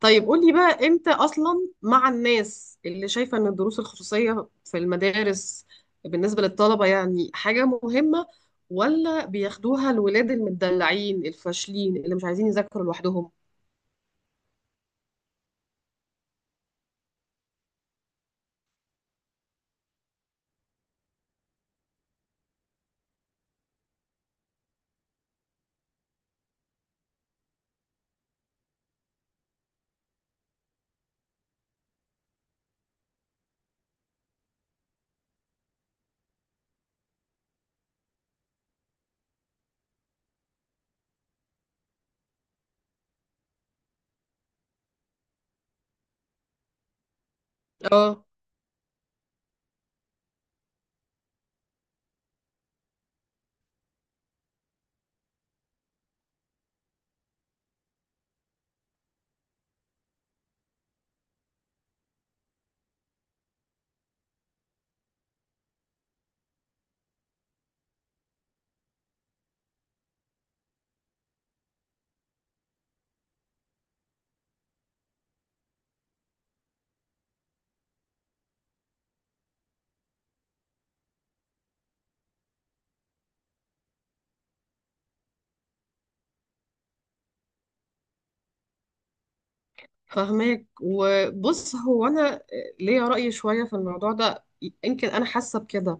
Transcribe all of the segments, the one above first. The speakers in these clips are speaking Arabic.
طيب قولي بقى امتى اصلا مع الناس اللي شايفه ان الدروس الخصوصيه في المدارس بالنسبه للطلبه يعني حاجه مهمه، ولا بياخدوها الولاد المدلعين الفاشلين اللي مش عايزين يذاكروا لوحدهم؟ اه، فهماك. وبص، هو انا ليا رأي شوية في الموضوع ده. يمكن انا حاسة بكده.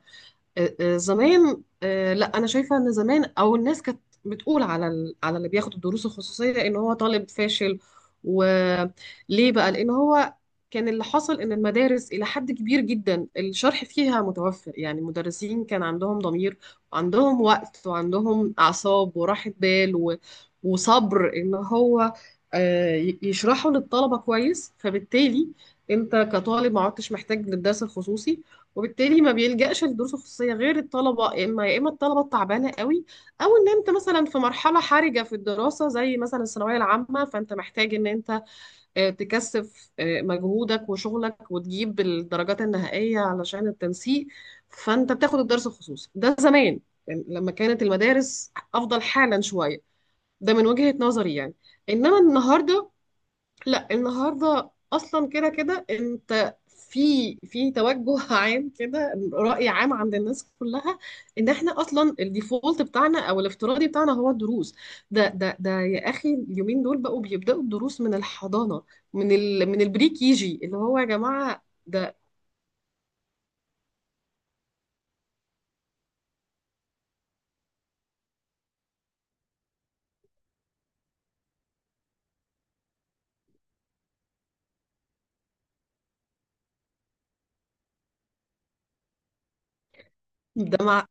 زمان، لا انا شايفه ان زمان او الناس كانت بتقول على على اللي بياخد الدروس الخصوصيه ان هو طالب فاشل. وليه بقى؟ لان هو كان، اللي حصل ان المدارس الى حد كبير جدا الشرح فيها متوفر، يعني المدرسين كان عندهم ضمير وعندهم وقت وعندهم اعصاب وراحه بال وصبر ان هو يشرحوا للطلبه كويس. فبالتالي انت كطالب ما عدتش محتاج للدرس الخصوصي، وبالتالي ما بيلجأش لدروس خصوصية غير الطلبة، يا إما يا إما الطلبة التعبانة قوي، أو إن أنت مثلا في مرحلة حرجة في الدراسة زي مثلا الثانوية العامة، فأنت محتاج إن أنت تكثف مجهودك وشغلك وتجيب الدرجات النهائية علشان التنسيق، فأنت بتاخد الدرس الخصوصي ده. زمان، يعني لما كانت المدارس أفضل حالا شوية، ده من وجهة نظري يعني. إنما النهاردة لا، النهارده اصلا كده كده انت في في توجه عام كده، رأي عام عند الناس كلها ان احنا اصلا الديفولت بتاعنا او الافتراضي بتاعنا هو الدروس. ده يا اخي، اليومين دول بقوا بيبدأوا الدروس من الحضانة، من من البري كيجي، اللي هو يا جماعة ده. ده مع،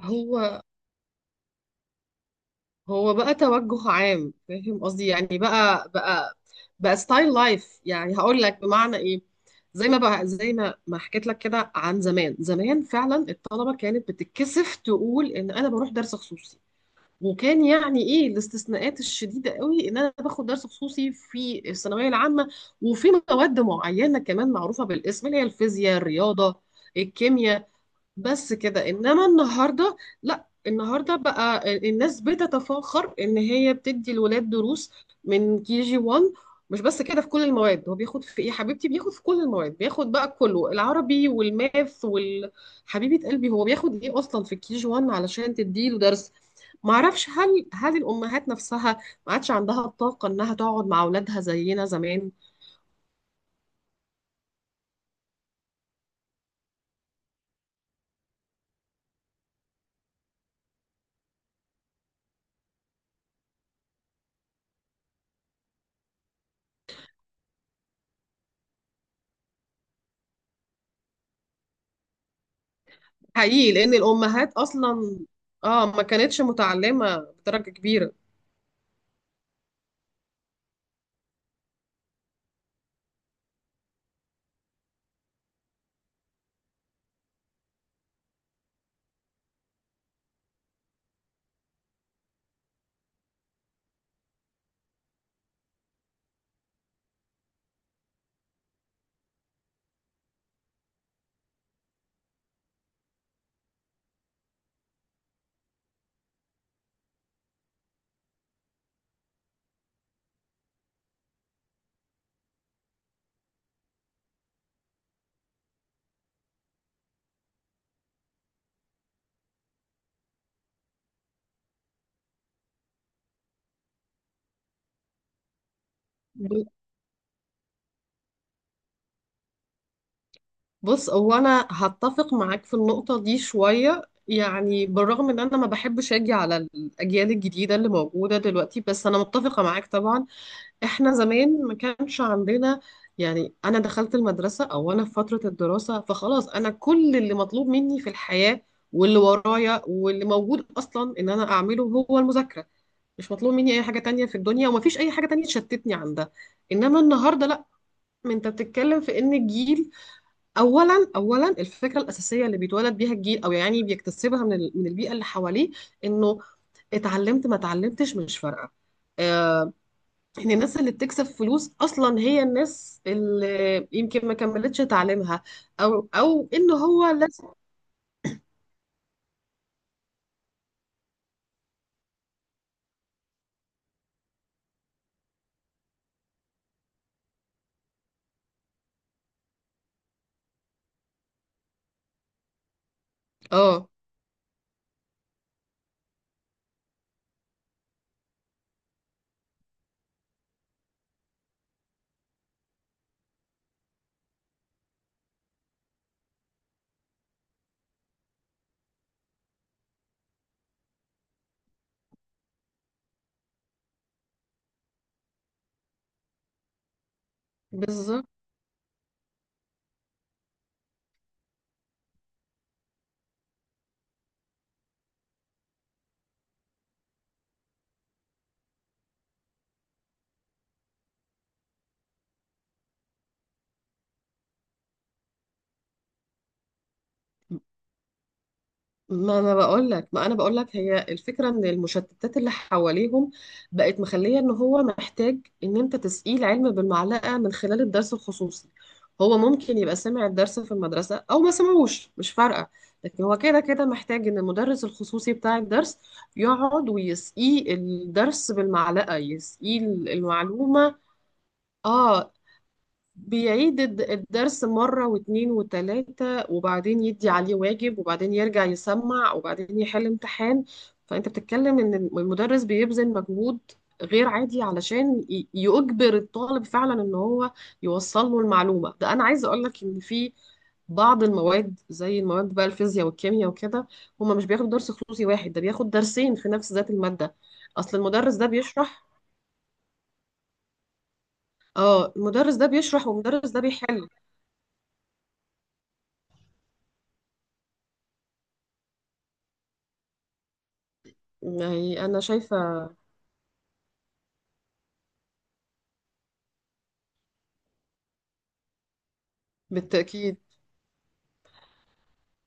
هو هو بقى توجه عام، فاهم قصدي؟ يعني بقى ستايل لايف. يعني هقول لك بمعنى ايه، زي ما بقى، زي ما حكيت لك كده عن زمان. زمان فعلا الطلبه كانت بتتكسف تقول ان انا بروح درس خصوصي، وكان يعني ايه، الاستثناءات الشديده قوي ان انا باخد درس خصوصي في الثانويه العامه، وفي مواد معينه كمان معروفه بالاسم، اللي هي الفيزياء، الرياضه، الكيمياء، بس كده. انما النهارده لا، النهارده بقى الناس بتتفاخر ان هي بتدي الولاد دروس من كي جي 1. مش بس كده، في كل المواد هو بياخد، في ايه يا حبيبتي، بياخد في كل المواد، بياخد بقى كله، العربي والماث وال، حبيبه قلبي هو بياخد ايه اصلا في الكي جي 1 علشان تديله درس؟ معرفش، هل الامهات نفسها ما عادش عندها الطاقه انها تقعد مع اولادها زينا زمان؟ حقيقي، لان الامهات اصلا اه ما كانتش متعلمه بدرجه كبيره. بص، هو انا هتفق معاك في النقطة دي شوية. يعني بالرغم ان انا ما بحبش اجي على الاجيال الجديدة اللي موجودة دلوقتي، بس انا متفقة معاك طبعا. احنا زمان ما كانش عندنا، يعني انا دخلت المدرسة او انا في فترة الدراسة فخلاص، انا كل اللي مطلوب مني في الحياة واللي ورايا واللي موجود اصلا ان انا اعمله هو المذاكرة. مش مطلوب مني اي حاجة تانية في الدنيا ومفيش اي حاجة تانية تشتتني عن ده. انما النهاردة لا، انت بتتكلم في ان الجيل، اولا الفكره الاساسيه اللي بيتولد بيها الجيل او يعني بيكتسبها من البيئه اللي حواليه انه اتعلمت ما اتعلمتش مش فارقه، آه، ان الناس اللي بتكسب فلوس اصلا هي الناس اللي يمكن ما كملتش تعليمها، او ان هو لازم. اه بالظبط. ما انا بقول لك، ما انا بقول لك هي الفكره، ان المشتتات اللي حواليهم بقت مخليه ان هو محتاج ان انت تسقيه العلم بالمعلقه من خلال الدرس الخصوصي. هو ممكن يبقى سمع الدرس في المدرسه او ما سمعوش مش فارقه، لكن هو كده كده محتاج ان المدرس الخصوصي بتاع الدرس يقعد ويسقيه الدرس بالمعلقه، يسقيه المعلومه. اه، بيعيد الدرس مرة واتنين وتلاتة، وبعدين يدي عليه واجب، وبعدين يرجع يسمع، وبعدين يحل امتحان. فأنت بتتكلم إن المدرس بيبذل مجهود غير عادي علشان يجبر الطالب فعلا إن هو يوصل له المعلومة. ده أنا عايزة أقول لك إن في بعض المواد زي المواد بقى الفيزياء والكيمياء وكده، هما مش بياخدوا درس خصوصي واحد، ده بياخد درسين في نفس ذات المادة. أصل المدرس ده بيشرح، اه، المدرس ده بيشرح والمدرس ده بيحل. يعني أنا شايفة، بالتأكيد،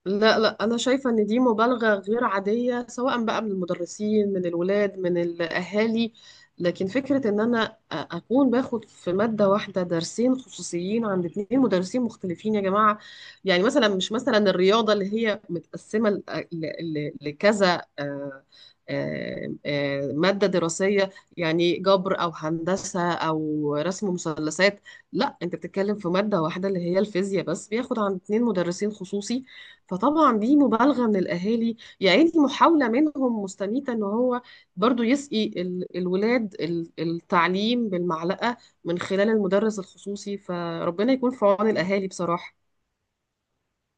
لا لا، أنا شايفة إن دي مبالغة غير عادية سواء بقى من المدرسين من الولاد من الأهالي، لكن فكرة إن أنا أكون باخد في مادة واحدة درسين خصوصيين عند اتنين مدرسين مختلفين، يا جماعة! يعني مثلا، مش مثلا الرياضة اللي هي متقسمة لكذا مادة دراسية، يعني جبر أو هندسة أو رسم مثلثات، لا أنت بتتكلم في مادة واحدة اللي هي الفيزياء بس، بياخد عند اتنين مدرسين خصوصي. فطبعا دي مبالغة من الأهالي، يعني محاولة منهم مستميتة إن هو برضو يسقي الولاد التعليم بالمعلقة من خلال المدرس الخصوصي. فربنا يكون في عون الأهالي بصراحة.